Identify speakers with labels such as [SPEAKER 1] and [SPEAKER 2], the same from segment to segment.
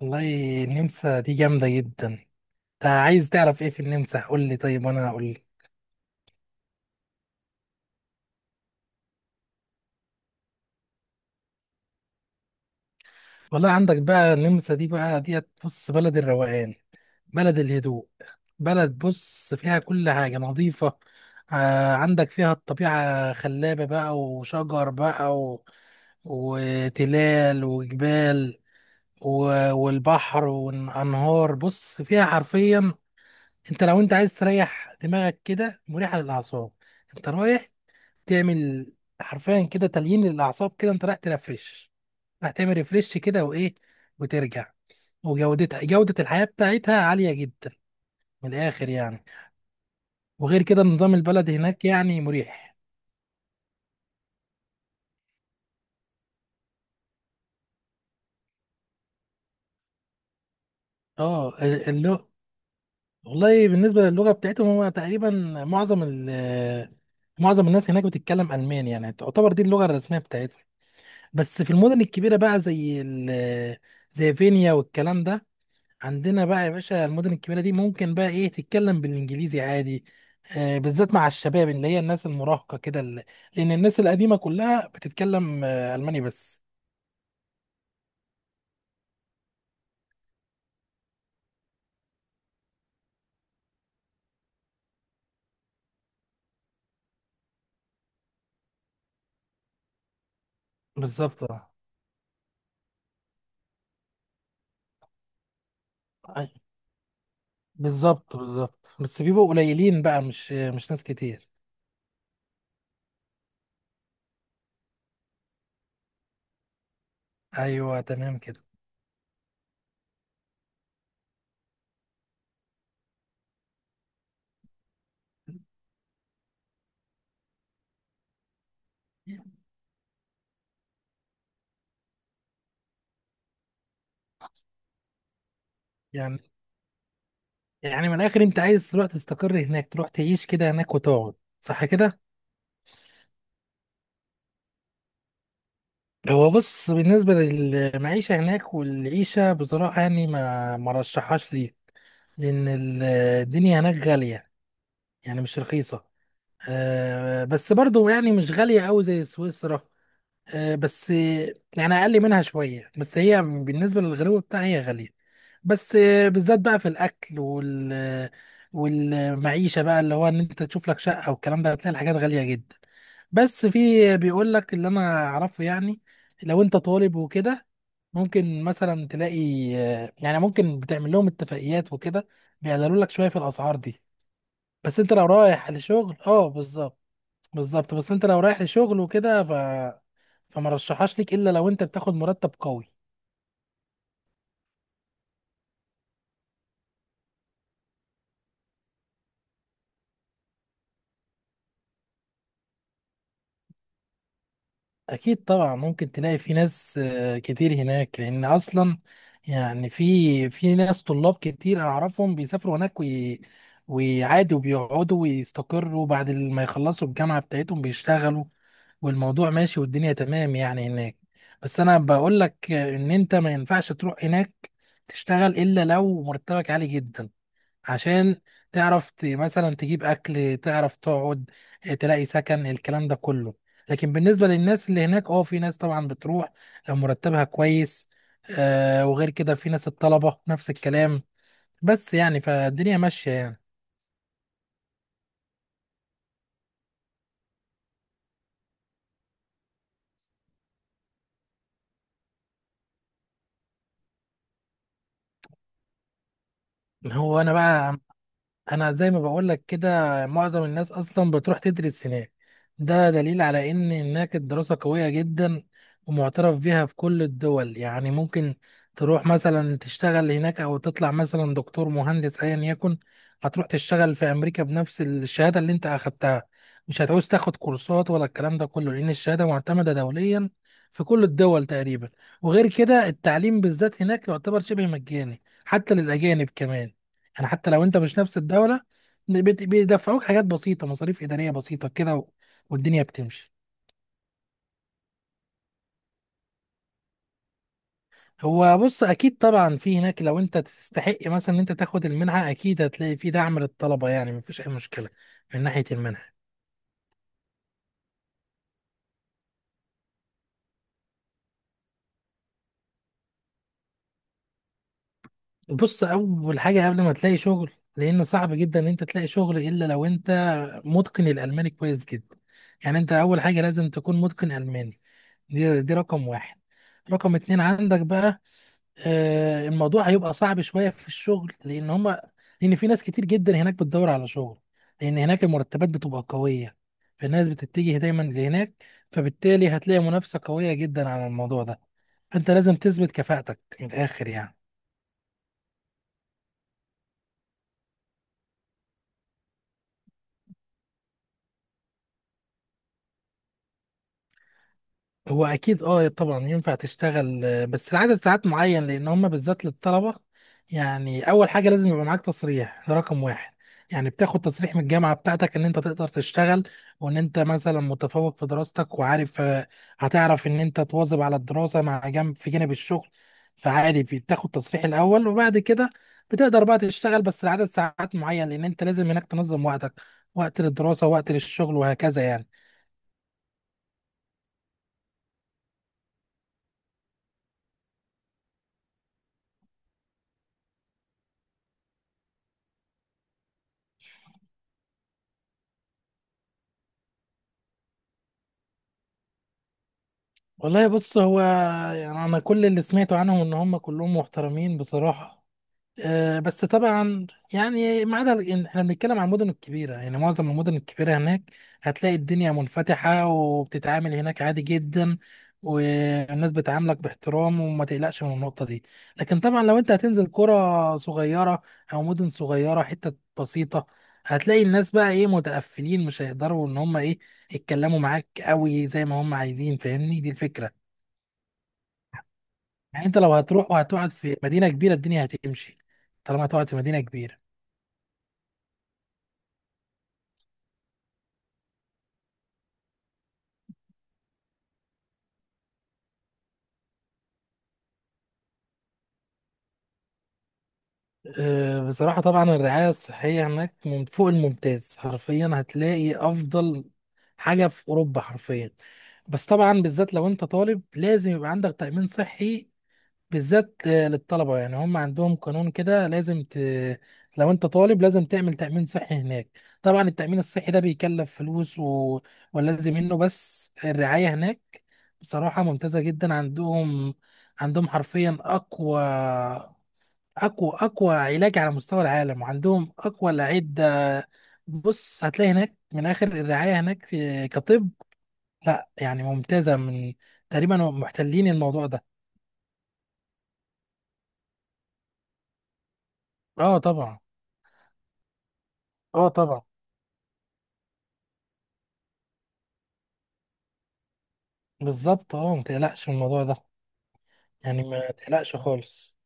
[SPEAKER 1] والله، النمسا دي جامدة جدا. انت عايز تعرف ايه في النمسا؟ قول لي، طيب وانا هقول لي. والله، عندك بقى النمسا دي بقى ديت، بص، بلد الروقان، بلد الهدوء، بلد بص فيها كل حاجة نظيفة. آه، عندك فيها الطبيعة خلابة بقى، وشجر بقى وتلال وجبال و... والبحر والأنهار. بص، فيها حرفيا انت لو عايز تريح دماغك كده، مريحة للأعصاب. انت رايح تعمل حرفيا كده تليين للاعصاب، كده انت رايح ترفرش، رايح تعمل ريفرش كده، وايه، وترجع. جودة الحياة بتاعتها عالية جدا، من الاخر يعني. وغير كده النظام البلدي هناك يعني مريح. اه، اللغة. والله، بالنسبة للغة بتاعتهم، هو تقريبا معظم ال معظم الناس هناك بتتكلم ألماني، يعني تعتبر دي اللغة الرسمية بتاعتهم. بس في المدن الكبيرة بقى، زي فينيا والكلام ده. عندنا بقى يا باشا، المدن الكبيرة دي ممكن بقى ايه تتكلم بالانجليزي عادي. آه، بالذات مع الشباب، اللي هي الناس المراهقة كده، لان الناس القديمة كلها بتتكلم الماني بس. بالظبط اه. أي- بالظبط بالظبط، بس بيبقوا قليلين بقى، مش ناس كتير. ايوه، تمام كده. يعني يعني، من الاخر، انت عايز تروح تستقر هناك، تروح تعيش كده هناك وتقعد، صح كده؟ هو بص، بالنسبة للمعيشة هناك والعيشة، بصراحة يعني ما رشحهاش ليك. لأن الدنيا هناك غالية، يعني مش رخيصة. بس برضو يعني مش غالية أوي زي سويسرا. بس يعني اقل منها شويه، بس هي بالنسبه للغلو بتاعها هي غاليه. بس بالذات بقى في الاكل والمعيشه بقى، اللي هو ان انت تشوف لك شقه والكلام ده، هتلاقي الحاجات غاليه جدا. بس في بيقول لك اللي انا اعرفه يعني، لو انت طالب وكده ممكن مثلا تلاقي، يعني ممكن بتعمل لهم اتفاقيات وكده، بيقللوا لك شويه في الاسعار دي. بس انت لو رايح لشغل اه، بالظبط، بالظبط. بس انت لو رايح لشغل وكده، فما رشحهاش ليك الا لو انت بتاخد مرتب قوي. اكيد طبعا ممكن تلاقي في ناس كتير هناك، لان اصلا يعني في ناس طلاب كتير اعرفهم بيسافروا هناك، ويعادوا وبيقعدوا ويستقروا بعد ما يخلصوا الجامعة بتاعتهم بيشتغلوا، والموضوع ماشي والدنيا تمام يعني هناك. بس انا بقول لك ان انت ما ينفعش تروح هناك تشتغل الا لو مرتبك عالي جدا، عشان تعرف مثلا تجيب اكل، تعرف تقعد، تلاقي سكن، الكلام ده كله. لكن بالنسبه للناس اللي هناك، اه، في ناس طبعا بتروح لو مرتبها كويس، وغير كده في ناس الطلبه نفس الكلام، بس يعني فالدنيا ماشيه يعني. هو انا بقى انا زي ما بقول لك كده، معظم الناس اصلا بتروح تدرس هناك، ده دليل على ان هناك الدراسة قوية جدا، ومعترف بيها في كل الدول، يعني ممكن تروح مثلا تشتغل هناك او تطلع مثلا دكتور مهندس ايا يكن، هتروح تشتغل في امريكا بنفس الشهادة اللي انت اخدتها، مش هتعوز تاخد كورسات ولا الكلام ده كله لان الشهادة معتمدة دوليا في كل الدول تقريبا. وغير كده التعليم بالذات هناك يعتبر شبه مجاني، حتى للاجانب كمان، يعني حتى لو انت مش نفس الدولة، بيدفعوك حاجات بسيطة، مصاريف إدارية بسيطة كده، والدنيا بتمشي. هو بص، أكيد طبعا في هناك لو انت تستحق مثلا ان انت تاخد المنحة، أكيد هتلاقي في دعم للطلبة، يعني مفيش أي مشكلة من ناحية المنحة. بص، أول حاجة قبل ما تلاقي شغل، لأنه صعب جدا ان انت تلاقي شغل إلا لو انت متقن الألماني كويس جدا. يعني انت أول حاجة لازم تكون متقن ألماني. دي رقم واحد. رقم اتنين، عندك بقى الموضوع هيبقى صعب شوية في الشغل، لأن في ناس كتير جدا هناك بتدور على شغل، لأن هناك المرتبات بتبقى قوية، فالناس بتتجه دايما لهناك، فبالتالي هتلاقي منافسة قوية جدا على الموضوع ده، فأنت لازم تثبت كفاءتك من الآخر يعني. هو اكيد اه طبعا ينفع تشتغل، بس لعدد ساعات معين، لان هم بالذات للطلبه. يعني اول حاجه لازم يبقى معاك تصريح، ده رقم واحد. يعني بتاخد تصريح من الجامعه بتاعتك ان انت تقدر تشتغل، وان انت مثلا متفوق في دراستك وعارف، هتعرف ان انت تواظب على الدراسه مع جنب في جانب الشغل. فعادي بتاخد تصريح الاول، وبعد كده بتقدر بقى تشتغل بس لعدد ساعات معين، لان انت لازم هناك تنظم وقتك، وقت للدراسه وقت للشغل وهكذا يعني. والله بص، يعني انا كل اللي سمعته عنهم ان هم كلهم محترمين بصراحه. أه، بس طبعا يعني ما عدا إن احنا بنتكلم عن المدن الكبيره، يعني معظم المدن الكبيره هناك هتلاقي الدنيا منفتحه وبتتعامل هناك عادي جدا، والناس بتعاملك باحترام وما تقلقش من النقطه دي. لكن طبعا لو انت هتنزل قرى صغيره او مدن صغيره حته بسيطه، هتلاقي الناس بقى ايه متقفلين، مش هيقدروا ان هم ايه يتكلموا معاك قوي زي ما هم عايزين، فاهمني؟ دي الفكره. يعني انت لو هتروح وهتقعد في مدينه كبيره الدنيا هتمشي، طالما هتقعد في مدينه كبيره. بصراحه طبعا الرعايه الصحيه هناك من فوق الممتاز، حرفيا هتلاقي افضل حاجه في اوروبا حرفيا. بس طبعا بالذات لو انت طالب لازم يبقى عندك تامين صحي، بالذات للطلبة، يعني هم عندهم قانون كده لازم لو انت طالب لازم تعمل تأمين صحي هناك. طبعا التأمين الصحي ده بيكلف فلوس، ولازم منه. بس الرعاية هناك بصراحة ممتازة جدا عندهم. عندهم حرفيا أقوى أقوى أقوى علاج على مستوى العالم، وعندهم أقوى الأعدة. بص، هتلاقي هناك من آخر الرعاية هناك كطب، لا يعني ممتازة، تقريبا محتلين الموضوع ده. اه طبعا، اه طبعا، بالظبط اه، ما تقلقش من الموضوع ده، يعني ما تقلقش خالص.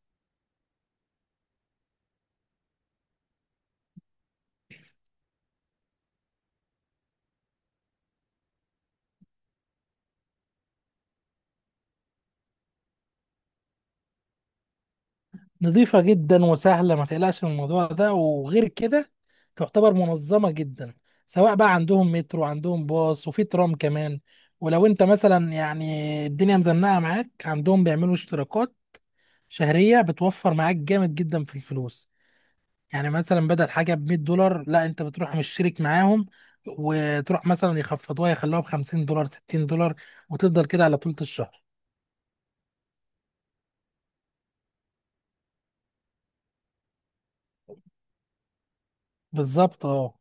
[SPEAKER 1] نظيفة جدا وسهلة، ما تقلقش من الموضوع ده، وغير كده تعتبر منظمة جدا، سواء بقى عندهم مترو، عندهم باص، وفي ترام كمان. ولو انت مثلا يعني الدنيا مزنقة معاك، عندهم بيعملوا اشتراكات شهرية بتوفر معاك جامد جدا في الفلوس، يعني مثلا بدل حاجة ب $100، لا انت بتروح مشترك معاهم، وتروح مثلا يخفضوها يخلوها ب $50 $60، وتفضل كده على طول الشهر. بالظبط اه.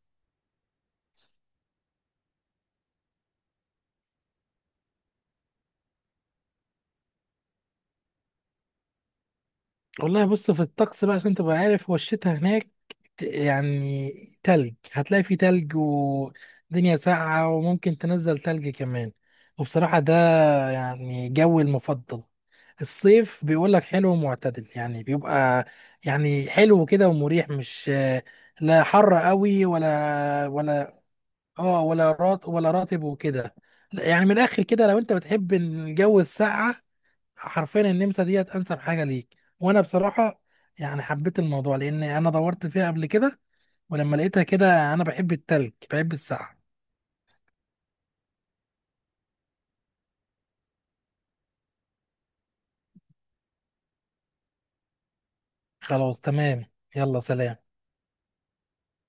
[SPEAKER 1] والله بص في الطقس بقى عشان تبقى عارف، هو الشتاء هناك يعني تلج، هتلاقي فيه تلج ودنيا ساقعة وممكن تنزل تلج كمان. وبصراحة ده يعني جوي المفضل. الصيف بيقولك حلو ومعتدل، يعني بيبقى يعني حلو كده ومريح، مش، لا حر قوي ولا اه، ولا راتب وكده، يعني من الاخر كده لو انت بتحب الجو الساقعة، حرفيا النمسا ديت انسب حاجه ليك، وانا بصراحه يعني حبيت الموضوع لان انا دورت فيها قبل كده، ولما لقيتها كده، انا بحب التلج بحب السقعه. خلاص تمام، يلا سلام.